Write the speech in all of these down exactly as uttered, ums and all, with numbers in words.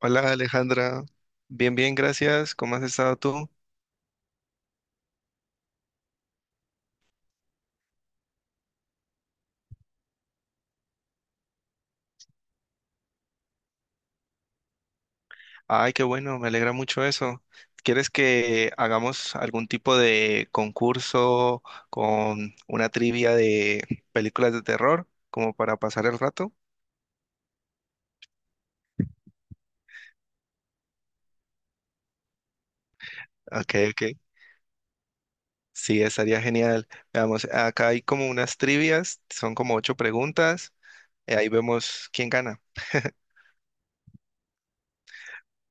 Hola Alejandra, bien, bien, gracias. ¿Cómo has estado tú? Ay, qué bueno, me alegra mucho eso. ¿Quieres que hagamos algún tipo de concurso con una trivia de películas de terror como para pasar el rato? Ok, ok. Sí, estaría genial. Veamos, acá hay como unas trivias, son como ocho preguntas, eh, ahí vemos quién gana.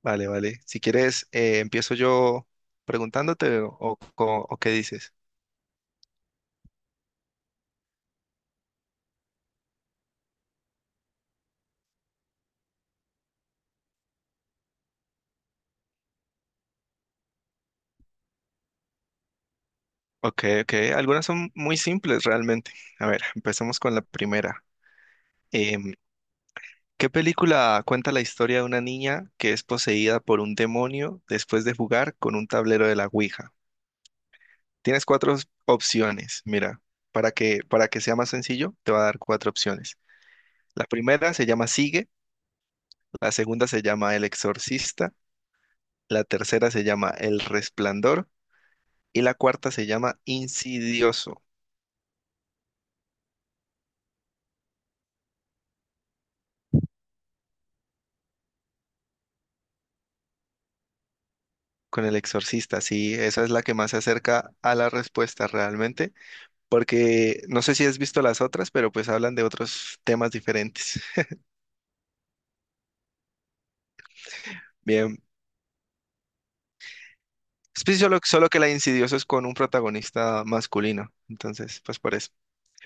Vale, vale. Si quieres, eh, empiezo yo preguntándote o, o o qué dices. Ok, ok. Algunas son muy simples realmente. A ver, empecemos con la primera. Em, ¿qué película cuenta la historia de una niña que es poseída por un demonio después de jugar con un tablero de la Ouija? Tienes cuatro os- opciones, mira, para que, para que sea más sencillo, te va a dar cuatro opciones. La primera se llama Sigue, la segunda se llama El Exorcista, la tercera se llama El Resplandor y la cuarta se llama Insidioso. Con el exorcista, sí, esa es la que más se acerca a la respuesta realmente, porque no sé si has visto las otras, pero pues hablan de otros temas diferentes. Bien, es pues solo, solo que la de Insidioso es con un protagonista masculino, entonces pues por eso.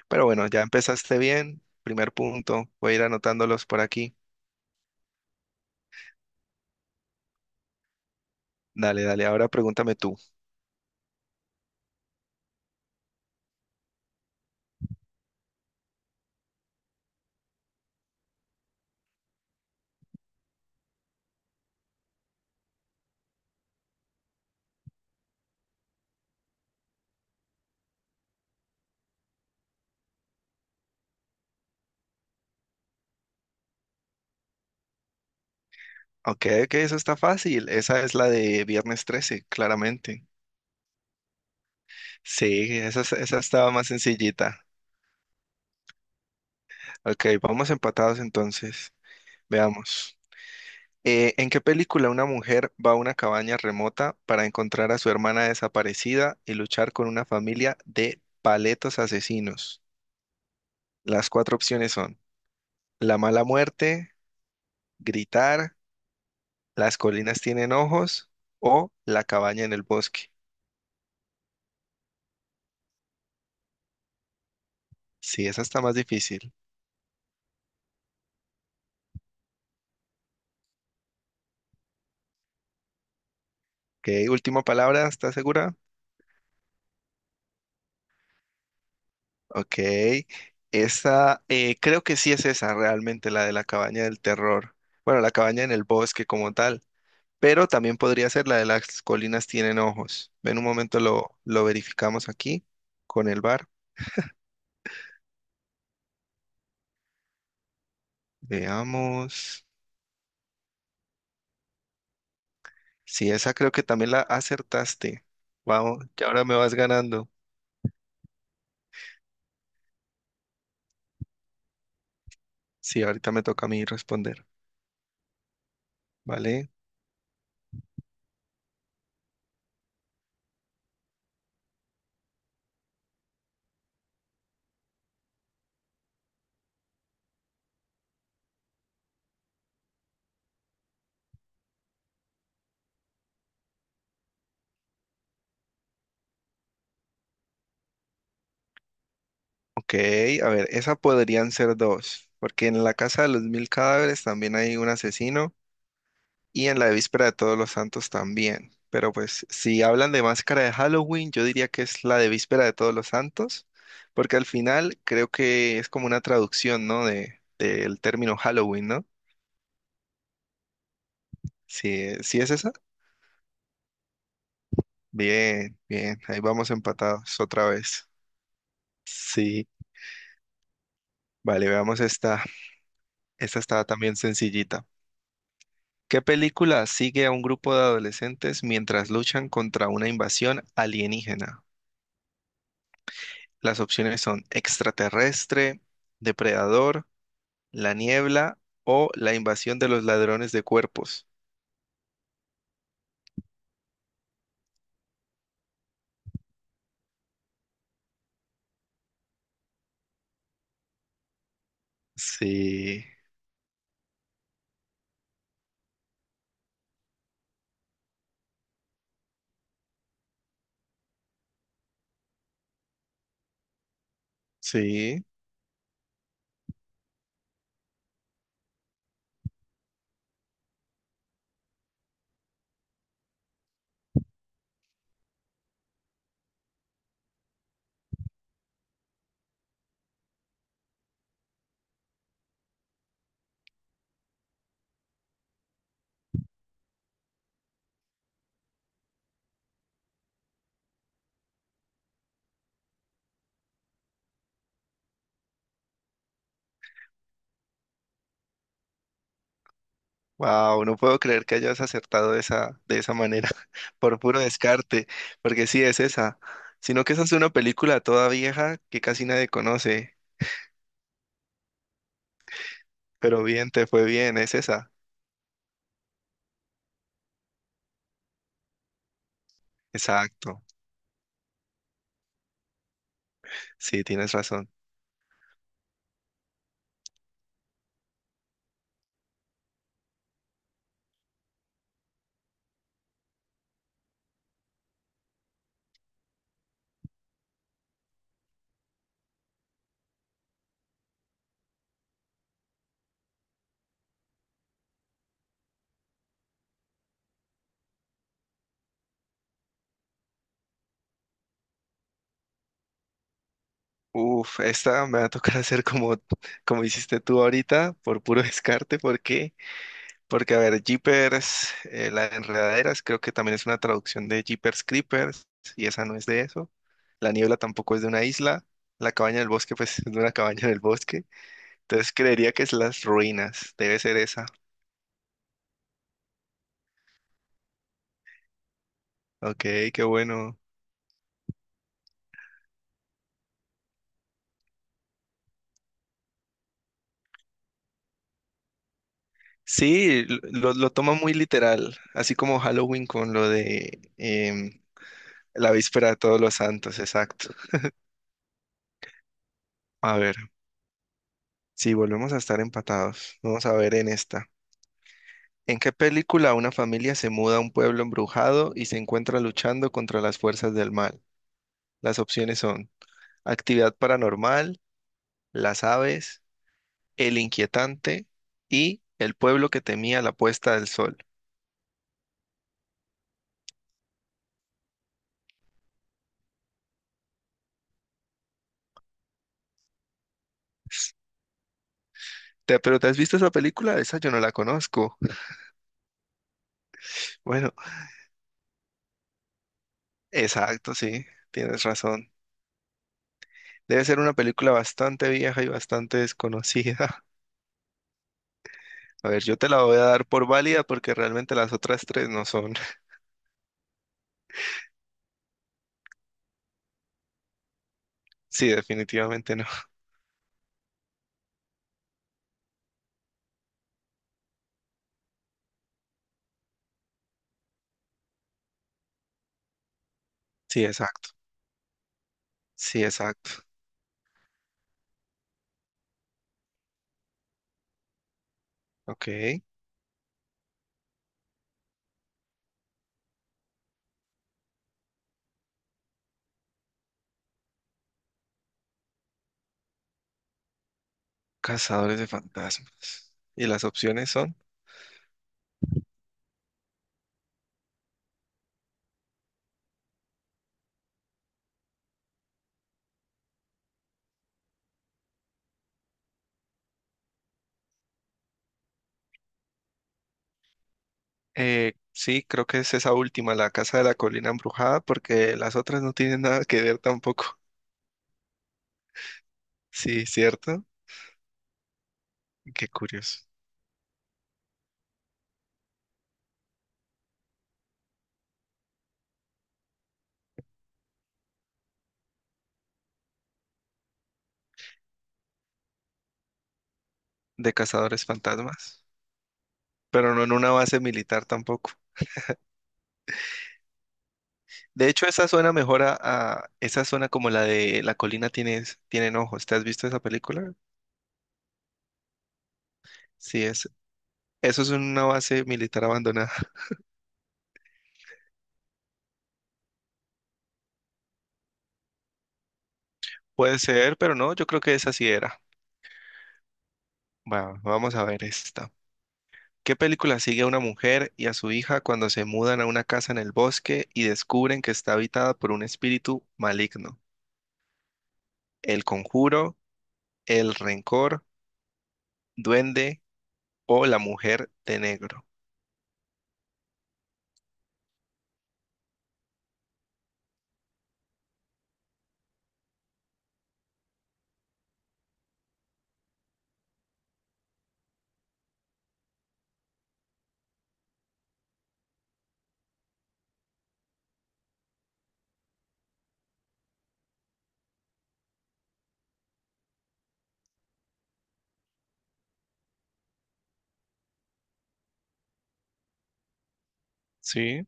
Pero bueno, ya empezaste bien, primer punto, voy a ir anotándolos por aquí. Dale, dale, ahora pregúntame tú. Ok, ok, eso está fácil, esa es la de Viernes trece, claramente. Sí, esa, es- esa estaba más sencillita. Ok, vamos empatados entonces. Veamos. Eh, ¿en qué película una mujer va a una cabaña remota para encontrar a su hermana desaparecida y luchar con una familia de paletos asesinos? Las cuatro opciones son La mala muerte, Gritar, Las colinas tienen ojos o La cabaña en el bosque. Sí, esa está más difícil. Ok, última palabra, ¿estás segura? Ok, esa eh, creo que sí es esa realmente, la de la cabaña del terror. Bueno, la cabaña en el bosque como tal. Pero también podría ser la de las colinas tienen ojos. En un momento lo, lo verificamos aquí con el bar. Veamos. Sí, esa creo que también la acertaste. Vamos, ya ahora me vas ganando. Sí, ahorita me toca a mí responder, ¿vale? Ok, a ver, esa podrían ser dos, porque en la casa de los mil cadáveres también hay un asesino. Y en la víspera de Todos los Santos también. Pero pues si hablan de máscara de Halloween, yo diría que es la de víspera de Todos los Santos, porque al final creo que es como una traducción, ¿no? De, del término Halloween, ¿no? Si, si es esa. Bien, bien, ahí vamos empatados otra vez. Sí, vale, veamos esta. Esta está también sencillita. ¿Qué película sigue a un grupo de adolescentes mientras luchan contra una invasión alienígena? Las opciones son extraterrestre, depredador, la niebla o la invasión de los ladrones de cuerpos. Sí, sí. Wow, no puedo creer que hayas acertado de esa, de esa manera, por puro descarte, porque sí es esa. Sino que esa es una película toda vieja que casi nadie conoce, pero bien, te fue bien, es esa. Exacto, sí, tienes razón. Uf, esta me va a tocar hacer como, como hiciste tú ahorita, por puro descarte, porque porque, a ver, Jeepers, eh, la de Enredaderas, creo que también es una traducción de Jeepers Creepers, y esa no es de eso. La niebla tampoco es de una isla. La cabaña del bosque, pues, es de una cabaña del bosque. Entonces creería que es las ruinas. Debe ser esa. Ok, qué bueno. Sí, l- lo, lo toma muy literal, así como Halloween con lo de em, la víspera de todos los santos, exacto. A ver, si volvemos a estar empatados, vamos a ver en esta. ¿En qué película una familia se muda a un pueblo embrujado y se encuentra luchando contra las fuerzas del mal? Las opciones son Actividad Paranormal, Las Aves, El Inquietante y El pueblo que temía la puesta del sol. Te- ¿Pero te has visto esa película? Esa yo no la conozco. Bueno, exacto, sí, tienes razón. Debe ser una película bastante vieja y bastante desconocida. A ver, yo te la voy a dar por válida porque realmente las otras tres no son. Sí, definitivamente no. Sí, exacto. Sí, exacto. Ok. Cazadores de fantasmas. Y las opciones son, eh, sí, creo que es esa última, la casa de la colina embrujada, porque las otras no tienen nada que ver tampoco. Sí, cierto. Qué curioso. De cazadores fantasmas. Pero no en una base militar tampoco. De hecho, esa suena mejor a, a- esa zona como la de la colina tiene, tienen ojos. ¿Te has visto esa película? Sí, es, eso es una base militar abandonada. Puede ser, pero no, yo creo que esa sí era. Va, vamos a ver esta. ¿Qué película sigue a una mujer y a su hija cuando se mudan a una casa en el bosque y descubren que está habitada por un espíritu maligno? ¿El conjuro, el rencor, duende o la mujer de negro? Sí.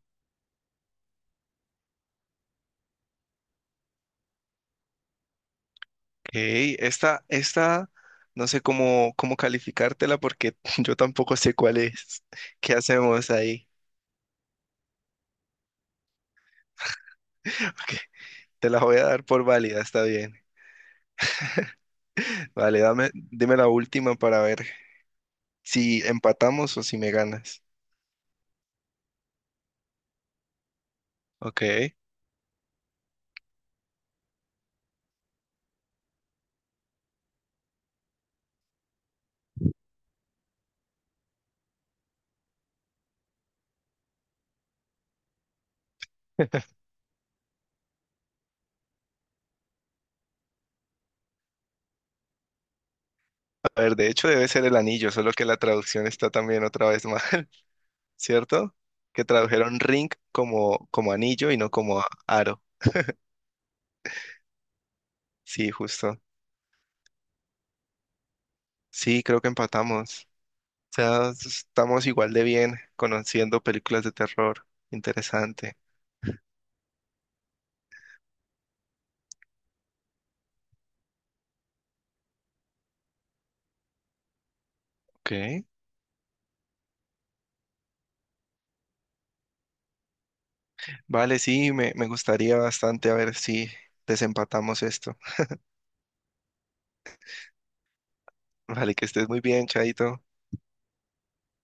Ok, esta, esta, no sé cómo, cómo calificártela porque yo tampoco sé cuál es. ¿Qué hacemos ahí? Ok, te la voy a dar por válida, está bien. Vale, dame, dime la última para ver si empatamos o si me ganas. Ok. A ver, de hecho debe ser el anillo, solo que la traducción está también otra vez mal, ¿cierto? Que tradujeron ring como, como anillo y no como a- aro. Sí, justo. Sí, creo que empatamos. O sea, s- estamos igual de bien conociendo películas de terror. Interesante. Ok. Vale, sí, me, me gustaría bastante a ver si desempatamos esto. Vale, que estés muy bien, Chaito.